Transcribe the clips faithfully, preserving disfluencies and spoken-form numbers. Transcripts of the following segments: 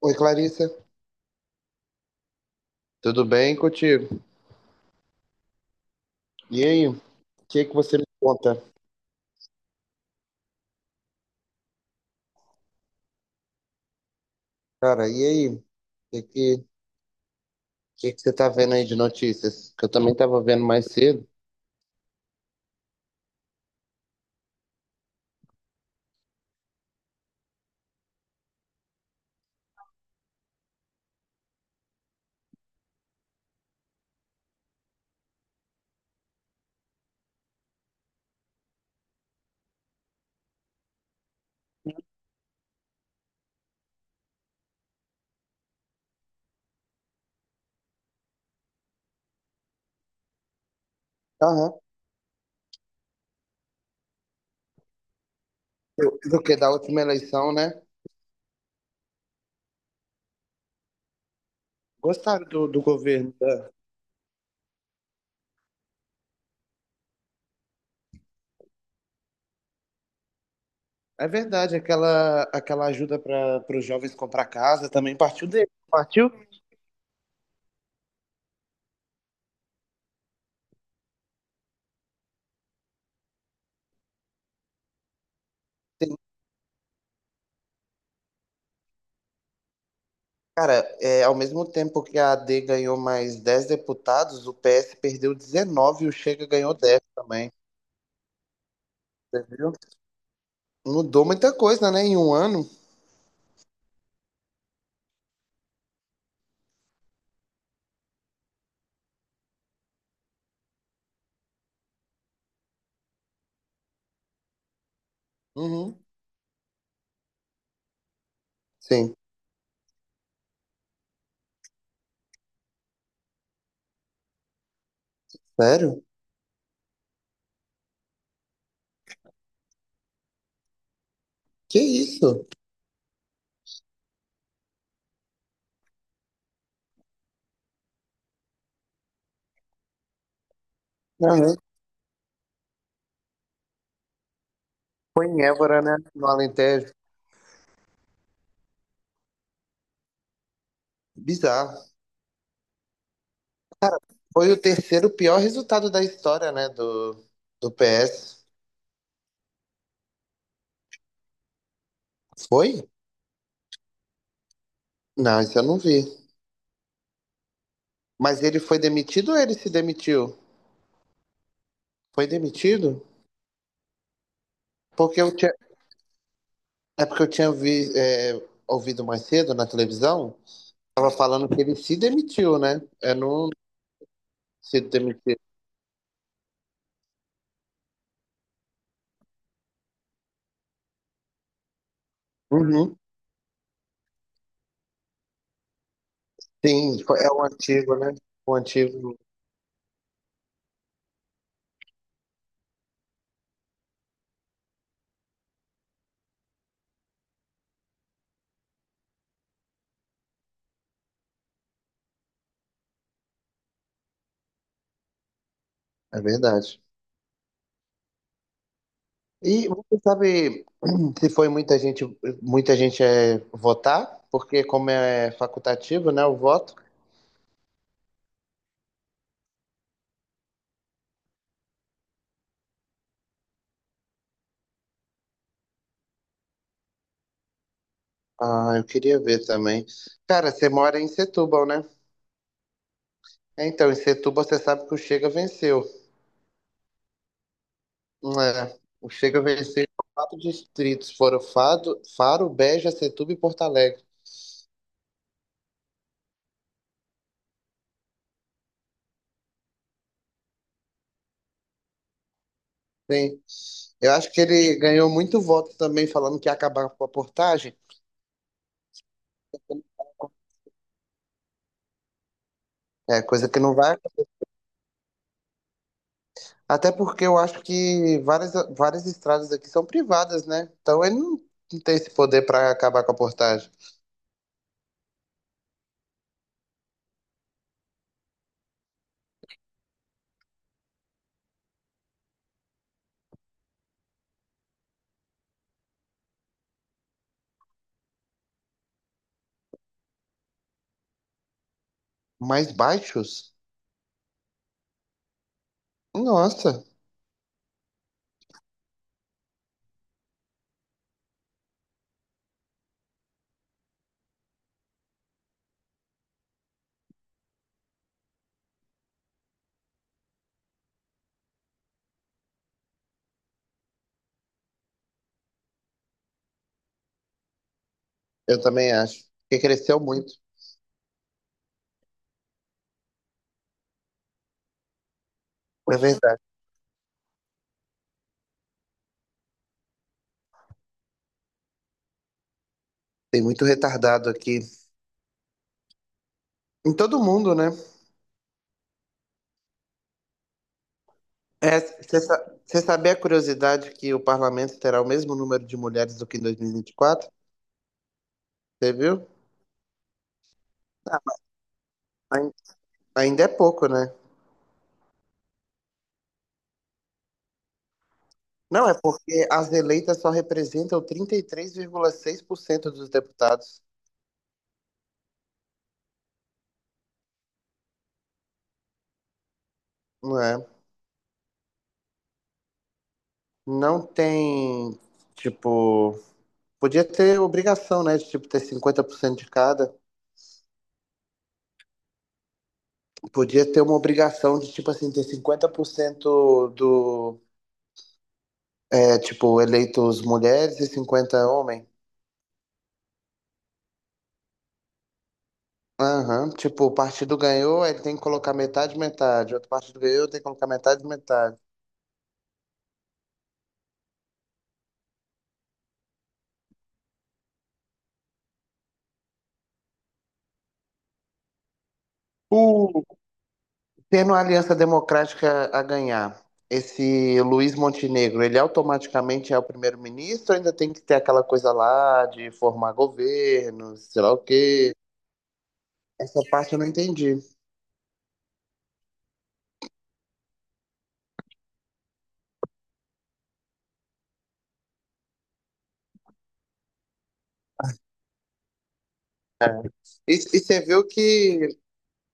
Oi, Clarissa. Tudo bem contigo? E aí, o que que você me conta? Cara, e aí? O que que, o que que você tá vendo aí de notícias? Que eu também tava vendo mais cedo. Aham. Do que da última eleição, né? Gostaram do, do governo, tá? É verdade, aquela, aquela ajuda para os jovens comprar casa também partiu dele. Partiu? Cara, é, ao mesmo tempo que a AD ganhou mais dez deputados, o P S perdeu dezenove e o Chega ganhou dez também. Você viu? Mudou muita coisa, né? Em um ano. Uhum. Sim. Sério? Que isso? Aham. Foi em Évora, né? No Alentejo. Bizarro. Foi o terceiro pior resultado da história, né? Do, do P S. Foi? Não, isso eu não vi. Mas ele foi demitido ou ele se demitiu? Foi demitido? Porque eu tinha, é porque eu tinha vi, é, ouvido mais cedo na televisão, tava falando que ele se demitiu, né? É, não se demitiu. Uhum. Sim, foi- é o antigo, né? O antigo. É verdade. E você sabe se foi muita gente, muita gente é votar? Porque como é facultativo, né, o voto. Ah, eu queria ver também. Cara, você mora em Setúbal, né? É, então, em Setúbal você sabe que o Chega venceu. É, o Chega venceu em quatro distritos, foram Fado, Faro, Beja, Setúbal e Porto Alegre. Sim. Eu acho que ele ganhou muito voto também falando que ia acabar com a portagem. É coisa que não vai. Até porque eu acho que várias, várias estradas aqui são privadas, né? Então ele não, não tem esse poder para acabar com a portagem. Mas baixos? Nossa, eu também acho. Porque cresceu muito. É verdade. Tem muito retardado aqui. Em todo mundo, né? É, você sa- você sabia a curiosidade que o parlamento terá o mesmo número de mulheres do que em dois mil e vinte e quatro? Você viu? Ah, ain- Ainda é pouco, né? Não, é porque as eleitas só representam trinta e três vírgula seis por cento dos deputados. Não é? Não tem, tipo, podia ter obrigação, né, de tipo ter cinquenta por cento de cada. Podia ter uma obrigação de tipo assim ter cinquenta por cento do é, tipo eleitos mulheres e cinquenta homens. Aham, tipo, o partido ganhou, aí ele tem que colocar metade, metade. Outro partido ganhou, tem que colocar metade, metade. Tendo a Aliança Democrática a ganhar, esse Luiz Montenegro, ele automaticamente é o primeiro-ministro, ainda tem que ter aquela coisa lá de formar governo, sei lá o quê. Essa parte eu não entendi. É. E, e você viu que,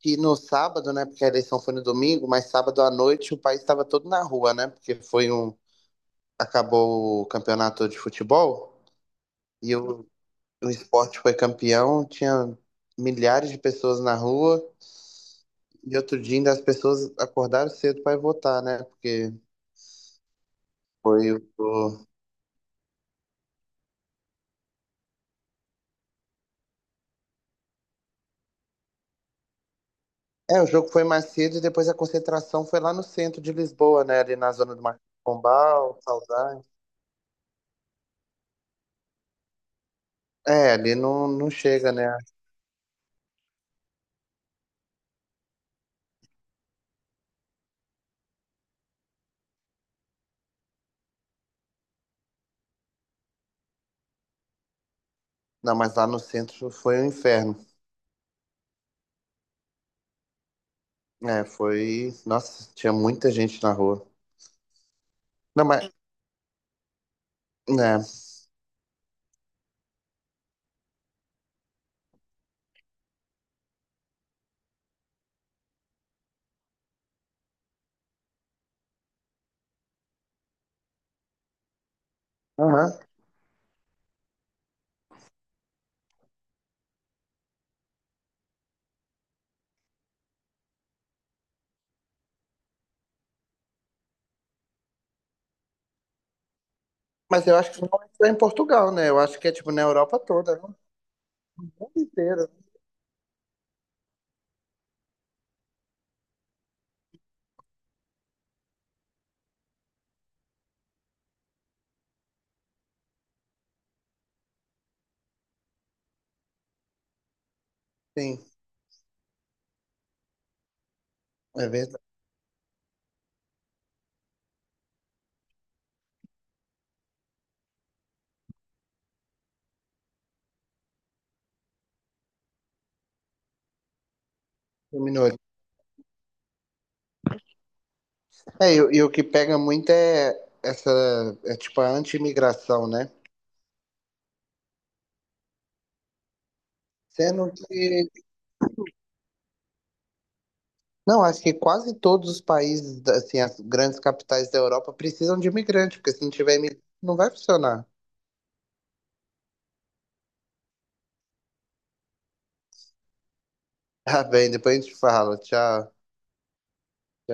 que no sábado, né? Porque a eleição foi no domingo, mas sábado à noite o país estava todo na rua, né? Porque foi um. Acabou o campeonato de futebol e o, o esporte foi campeão, tinha milhares de pessoas na rua. E outro dia ainda as pessoas acordaram cedo para votar, né? Porque foi o. o- É, o jogo foi mais cedo e depois a concentração foi lá no centro de Lisboa, né? Ali na zona do Marquês de Pombal, Saudade. É, ali não, não chega, né? Não, mas lá no centro foi um inferno. É, foi. Nossa, tinha muita gente na rua. Não, mas. Né? Aham. Mas eu acho que não é só em Portugal, né? Eu acho que é tipo na Europa toda, no mundo inteiro, né? Sim, é verdade. Terminou. É, e, o- e o que pega muito é essa, é tipo a anti-imigração, né? Sendo que, não, acho que quase todos os países, assim, as grandes capitais da Europa precisam de imigrante, porque se não tiver imigrante, não vai funcionar. Tá bem, depois a gente fala. Tchau.